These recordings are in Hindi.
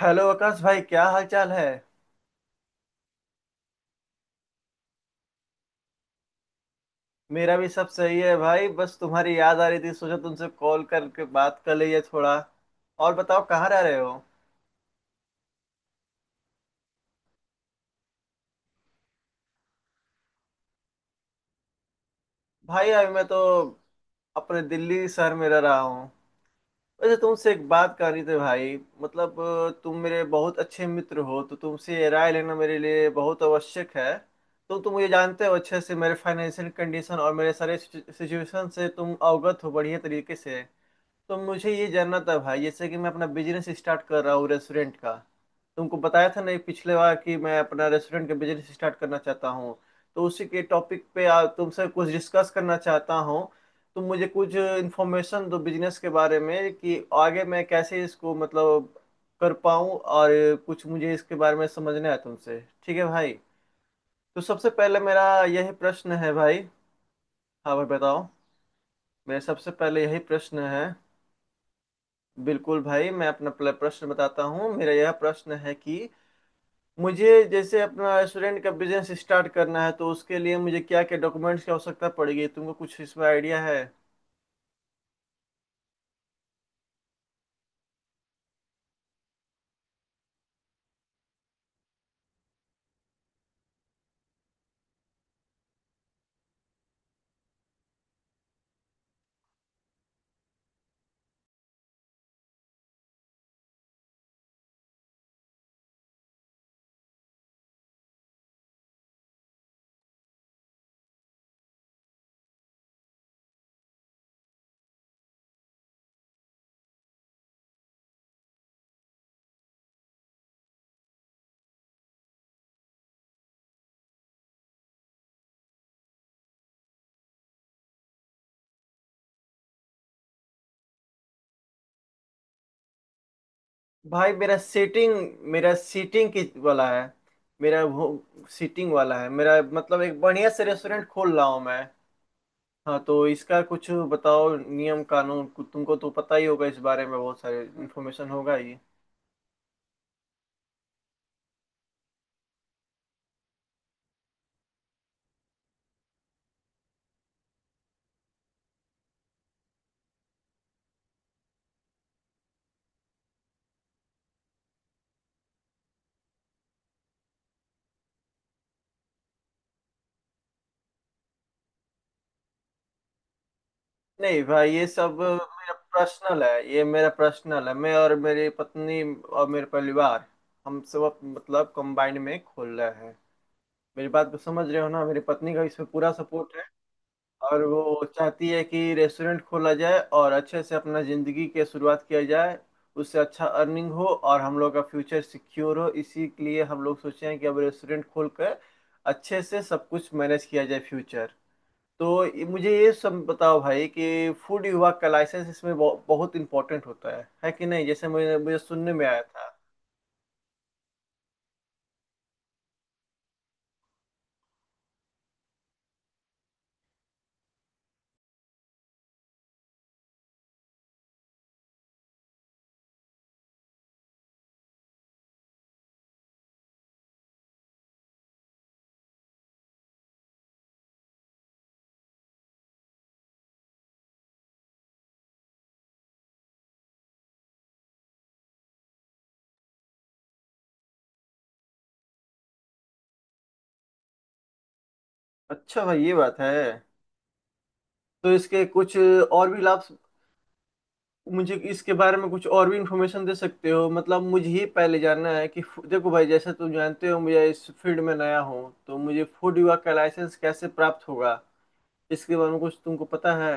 हेलो आकाश भाई, क्या हाल चाल है। मेरा भी सब सही है भाई, बस तुम्हारी याद आ रही थी, सोचा तुमसे कॉल करके बात कर लिए थोड़ा। और बताओ कहाँ रह रहे हो। भाई अभी मैं तो अपने दिल्ली शहर में रह रहा हूँ। वैसे तुमसे एक बात करनी थी भाई। मतलब तुम मेरे बहुत अच्छे मित्र हो, तो तुमसे ये राय लेना मेरे लिए बहुत आवश्यक है। तो तुम मुझे जानते हो अच्छे से, मेरे फाइनेंशियल कंडीशन और मेरे सारे सिचुएशन से तुम अवगत हो बढ़िया तरीके से। तो मुझे ये जानना था भाई, जैसे कि मैं अपना बिजनेस स्टार्ट कर रहा हूँ रेस्टोरेंट का। तुमको बताया था नहीं पिछले बार कि मैं अपना रेस्टोरेंट का बिजनेस स्टार्ट करना चाहता हूँ। तो उसी के टॉपिक पे तुमसे कुछ डिस्कस करना चाहता हूँ। तो मुझे कुछ इन्फॉर्मेशन दो बिजनेस के बारे में कि आगे मैं कैसे इसको मतलब कर पाऊँ, और कुछ मुझे इसके बारे में समझना है तुमसे, ठीक है भाई। तो सबसे पहले मेरा यही प्रश्न है भाई। हाँ भाई बताओ। मेरा सबसे पहले यही प्रश्न है। बिल्कुल भाई, मैं अपना प्रश्न बताता हूँ। मेरा यह प्रश्न है कि मुझे जैसे अपना रेस्टोरेंट का बिजनेस स्टार्ट करना है, तो उसके लिए मुझे क्या क्या डॉक्यूमेंट्स की आवश्यकता पड़ेगी, तुमको कुछ इसमें आइडिया है। भाई मेरा सीटिंग, मेरा सीटिंग की वाला है, मेरा वो सीटिंग वाला है मेरा। मतलब एक बढ़िया से रेस्टोरेंट खोल रहा हूँ मैं। हाँ तो इसका कुछ बताओ नियम कानून, तुमको तो पता ही होगा इस बारे में, बहुत सारे इन्फॉर्मेशन होगा ही। नहीं भाई ये सब मेरा पर्सनल है, ये मेरा पर्सनल है। मैं और मेरी पत्नी और मेरे परिवार, हम सब मतलब कंबाइंड में खोल रहे हैं। मेरी बात को समझ रहे हो ना, मेरी पत्नी का इसमें पूरा सपोर्ट है। और वो चाहती है कि रेस्टोरेंट खोला जाए और अच्छे से अपना जिंदगी की शुरुआत किया जाए। उससे अच्छा अर्निंग हो और हम लोग का फ्यूचर सिक्योर हो, इसी के लिए हम लोग सोचे हैं कि अब रेस्टोरेंट खोल कर अच्छे से सब कुछ मैनेज किया जाए फ्यूचर। तो मुझे ये सब बताओ भाई, कि फूड विभाग का लाइसेंस इसमें बहुत इंपॉर्टेंट होता है कि नहीं, जैसे मुझे मुझे सुनने में आया था। अच्छा भाई ये बात है। तो इसके कुछ और भी लाभ, मुझे इसके बारे में कुछ और भी इंफॉर्मेशन दे सकते हो। मतलब मुझे ही पहले जानना है कि देखो भाई, जैसे तुम जानते हो मुझे, इस फील्ड में नया हूँ, तो मुझे फूड विभाग का लाइसेंस कैसे प्राप्त होगा, इसके बारे में कुछ तुमको पता है।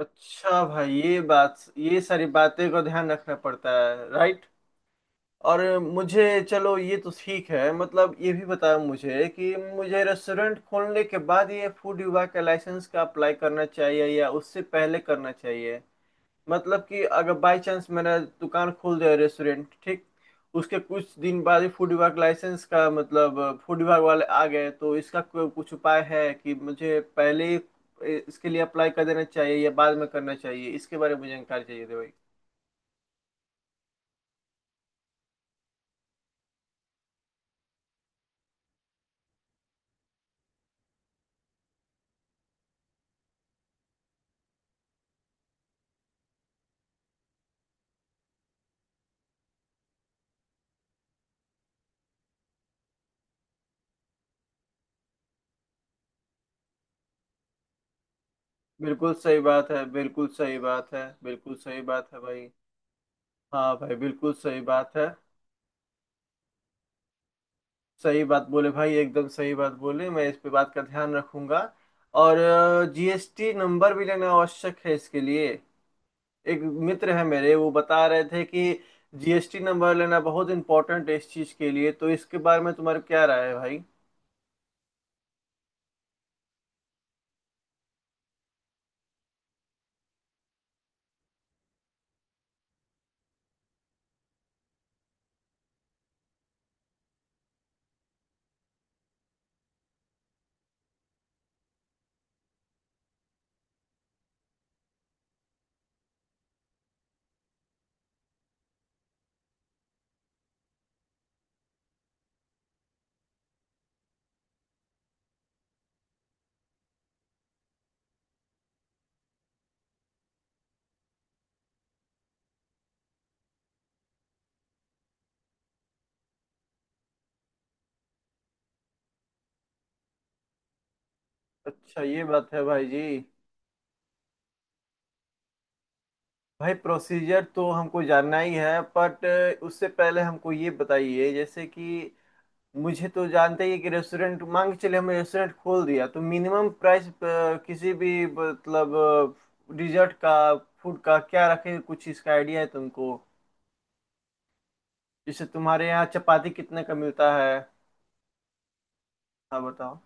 अच्छा भाई ये बात, ये सारी बातें का ध्यान रखना पड़ता है, राइट। और मुझे, चलो ये तो ठीक है, मतलब ये भी बताओ मुझे कि मुझे रेस्टोरेंट खोलने के बाद ये फूड विभाग का लाइसेंस का अप्लाई करना चाहिए या उससे पहले करना चाहिए। मतलब कि अगर बाय चांस मैंने दुकान खोल दिया रेस्टोरेंट, ठीक, उसके कुछ दिन बाद ही फूड विभाग लाइसेंस का मतलब फूड विभाग वाले आ गए, तो इसका कोई कुछ उपाय है कि मुझे पहले ही इसके लिए अप्लाई कर देना चाहिए या बाद में करना चाहिए, इसके बारे में मुझे जानकारी चाहिए थी भाई। बिल्कुल सही बात है, बिल्कुल सही बात है, बिल्कुल सही बात है भाई। हाँ भाई बिल्कुल सही बात है। सही बात बोले भाई, एकदम सही बात बोले, मैं इस पे बात का ध्यान रखूंगा। और जीएसटी नंबर भी लेना आवश्यक है इसके लिए। एक मित्र है मेरे, वो बता रहे थे कि जीएसटी नंबर लेना बहुत इंपॉर्टेंट है इस चीज के लिए। तो इसके बारे में तुम्हारी क्या राय है भाई। अच्छा ये बात है भाई जी। भाई प्रोसीजर तो हमको जानना ही है, बट उससे पहले हमको ये बताइए, जैसे कि मुझे तो जानते ही है कि रेस्टोरेंट मांग के चले, हमने रेस्टोरेंट खोल दिया, तो मिनिमम प्राइस किसी भी मतलब डिजर्ट का, फूड का क्या रखे, कुछ इसका आइडिया है तुमको। जैसे तुम्हारे यहाँ चपाती कितने का मिलता है। हाँ बताओ।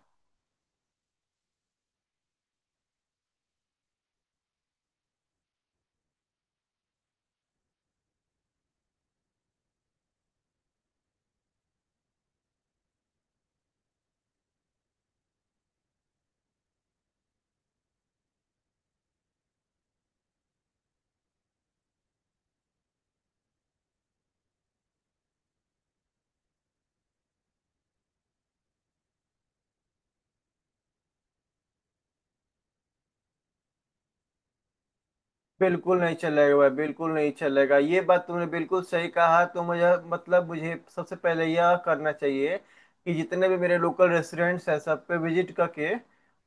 बिल्कुल नहीं चलेगा, बिल्कुल नहीं चलेगा, ये बात तुमने बिल्कुल सही कहा। तो मुझे मतलब मुझे सबसे पहले यह करना चाहिए कि जितने भी मेरे लोकल रेस्टोरेंट्स हैं सब पे विजिट करके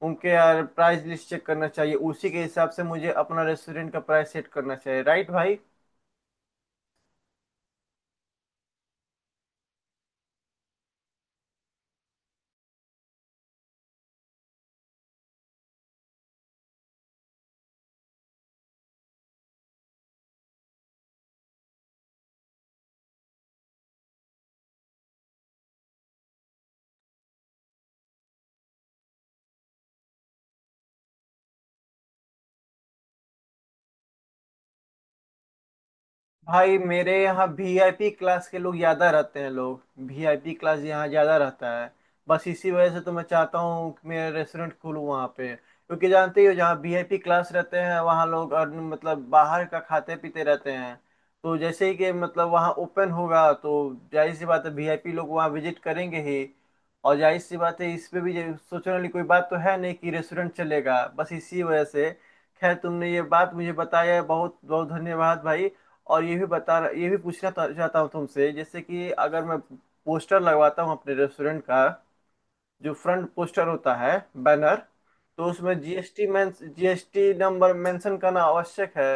उनके यार प्राइस लिस्ट चेक करना चाहिए, उसी के हिसाब से मुझे अपना रेस्टोरेंट का प्राइस सेट करना चाहिए, राइट भाई। भाई मेरे यहाँ वीआईपी क्लास के लोग ज्यादा रहते हैं, लोग वीआईपी क्लास यहाँ ज्यादा रहता है। बस इसी वजह से तो मैं चाहता हूँ कि मेरा रेस्टोरेंट खुलूँ वहाँ पे, क्योंकि जानते ही हो जहाँ वीआईपी क्लास रहते हैं वहाँ लोग और मतलब बाहर का खाते पीते रहते हैं। तो जैसे ही कि मतलब वहाँ ओपन होगा, तो जाहिर सी बात है वीआईपी लोग वहाँ विजिट करेंगे ही। और जाहिर सी बात है इस पे भी ये सोचने वाली कोई बात तो है नहीं कि रेस्टोरेंट चलेगा, बस इसी वजह से। खैर तुमने ये बात मुझे बताया है, बहुत बहुत धन्यवाद भाई। और ये भी बता, ये भी पूछना चाहता हूँ तुमसे, जैसे कि अगर मैं पोस्टर लगवाता हूँ अपने रेस्टोरेंट का, जो फ्रंट पोस्टर होता है, बैनर, तो उसमें जीएसटी, मैं जीएसटी नंबर मेंशन करना आवश्यक है।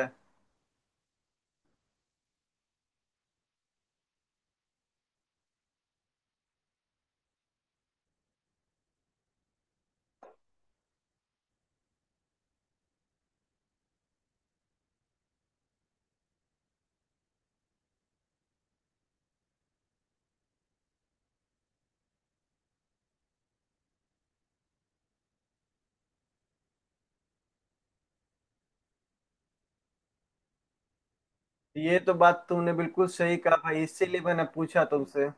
ये तो बात तुमने बिल्कुल सही कहा भाई, इसीलिए मैंने पूछा तुमसे।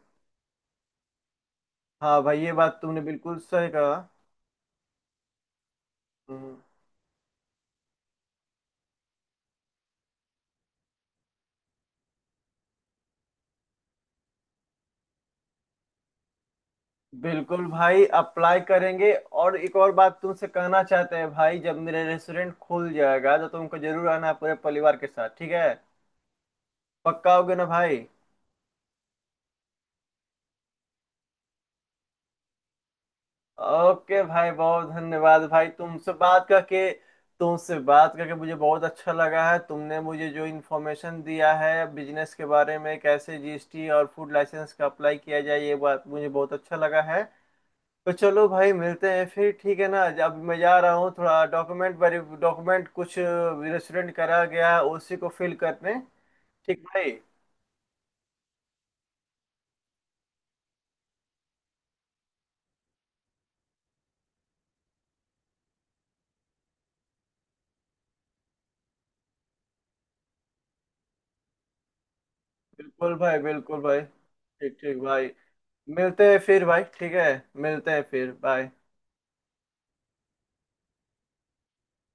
हाँ भाई ये बात तुमने बिल्कुल सही कहा। हम्म। बिल्कुल भाई अप्लाई करेंगे। और एक और बात तुमसे कहना चाहते हैं भाई, जब मेरा रेस्टोरेंट खुल जाएगा तो तुमको जरूर आना है पूरे परिवार के साथ, ठीक है। पक्का होगे ना भाई। ओके भाई, बहुत धन्यवाद भाई तुमसे बात करके। तुमसे बात करके मुझे बहुत अच्छा लगा है, तुमने मुझे जो इन्फॉर्मेशन दिया है बिजनेस के बारे में, कैसे जीएसटी और फूड लाइसेंस का अप्लाई किया जाए, ये बात मुझे बहुत अच्छा लगा है। तो चलो भाई मिलते हैं फिर, ठीक है ना, अब मैं जा रहा हूँ थोड़ा डॉक्यूमेंट, वेरी डॉक्यूमेंट कुछ रेस्टोरेंट करा गया है उसी को फिल करने। ठीक भाई, बिल्कुल भाई, बिल्कुल भाई, ठीक ठीक भाई। मिलते हैं फिर भाई, ठीक है। मिलते हैं फिर, बाय।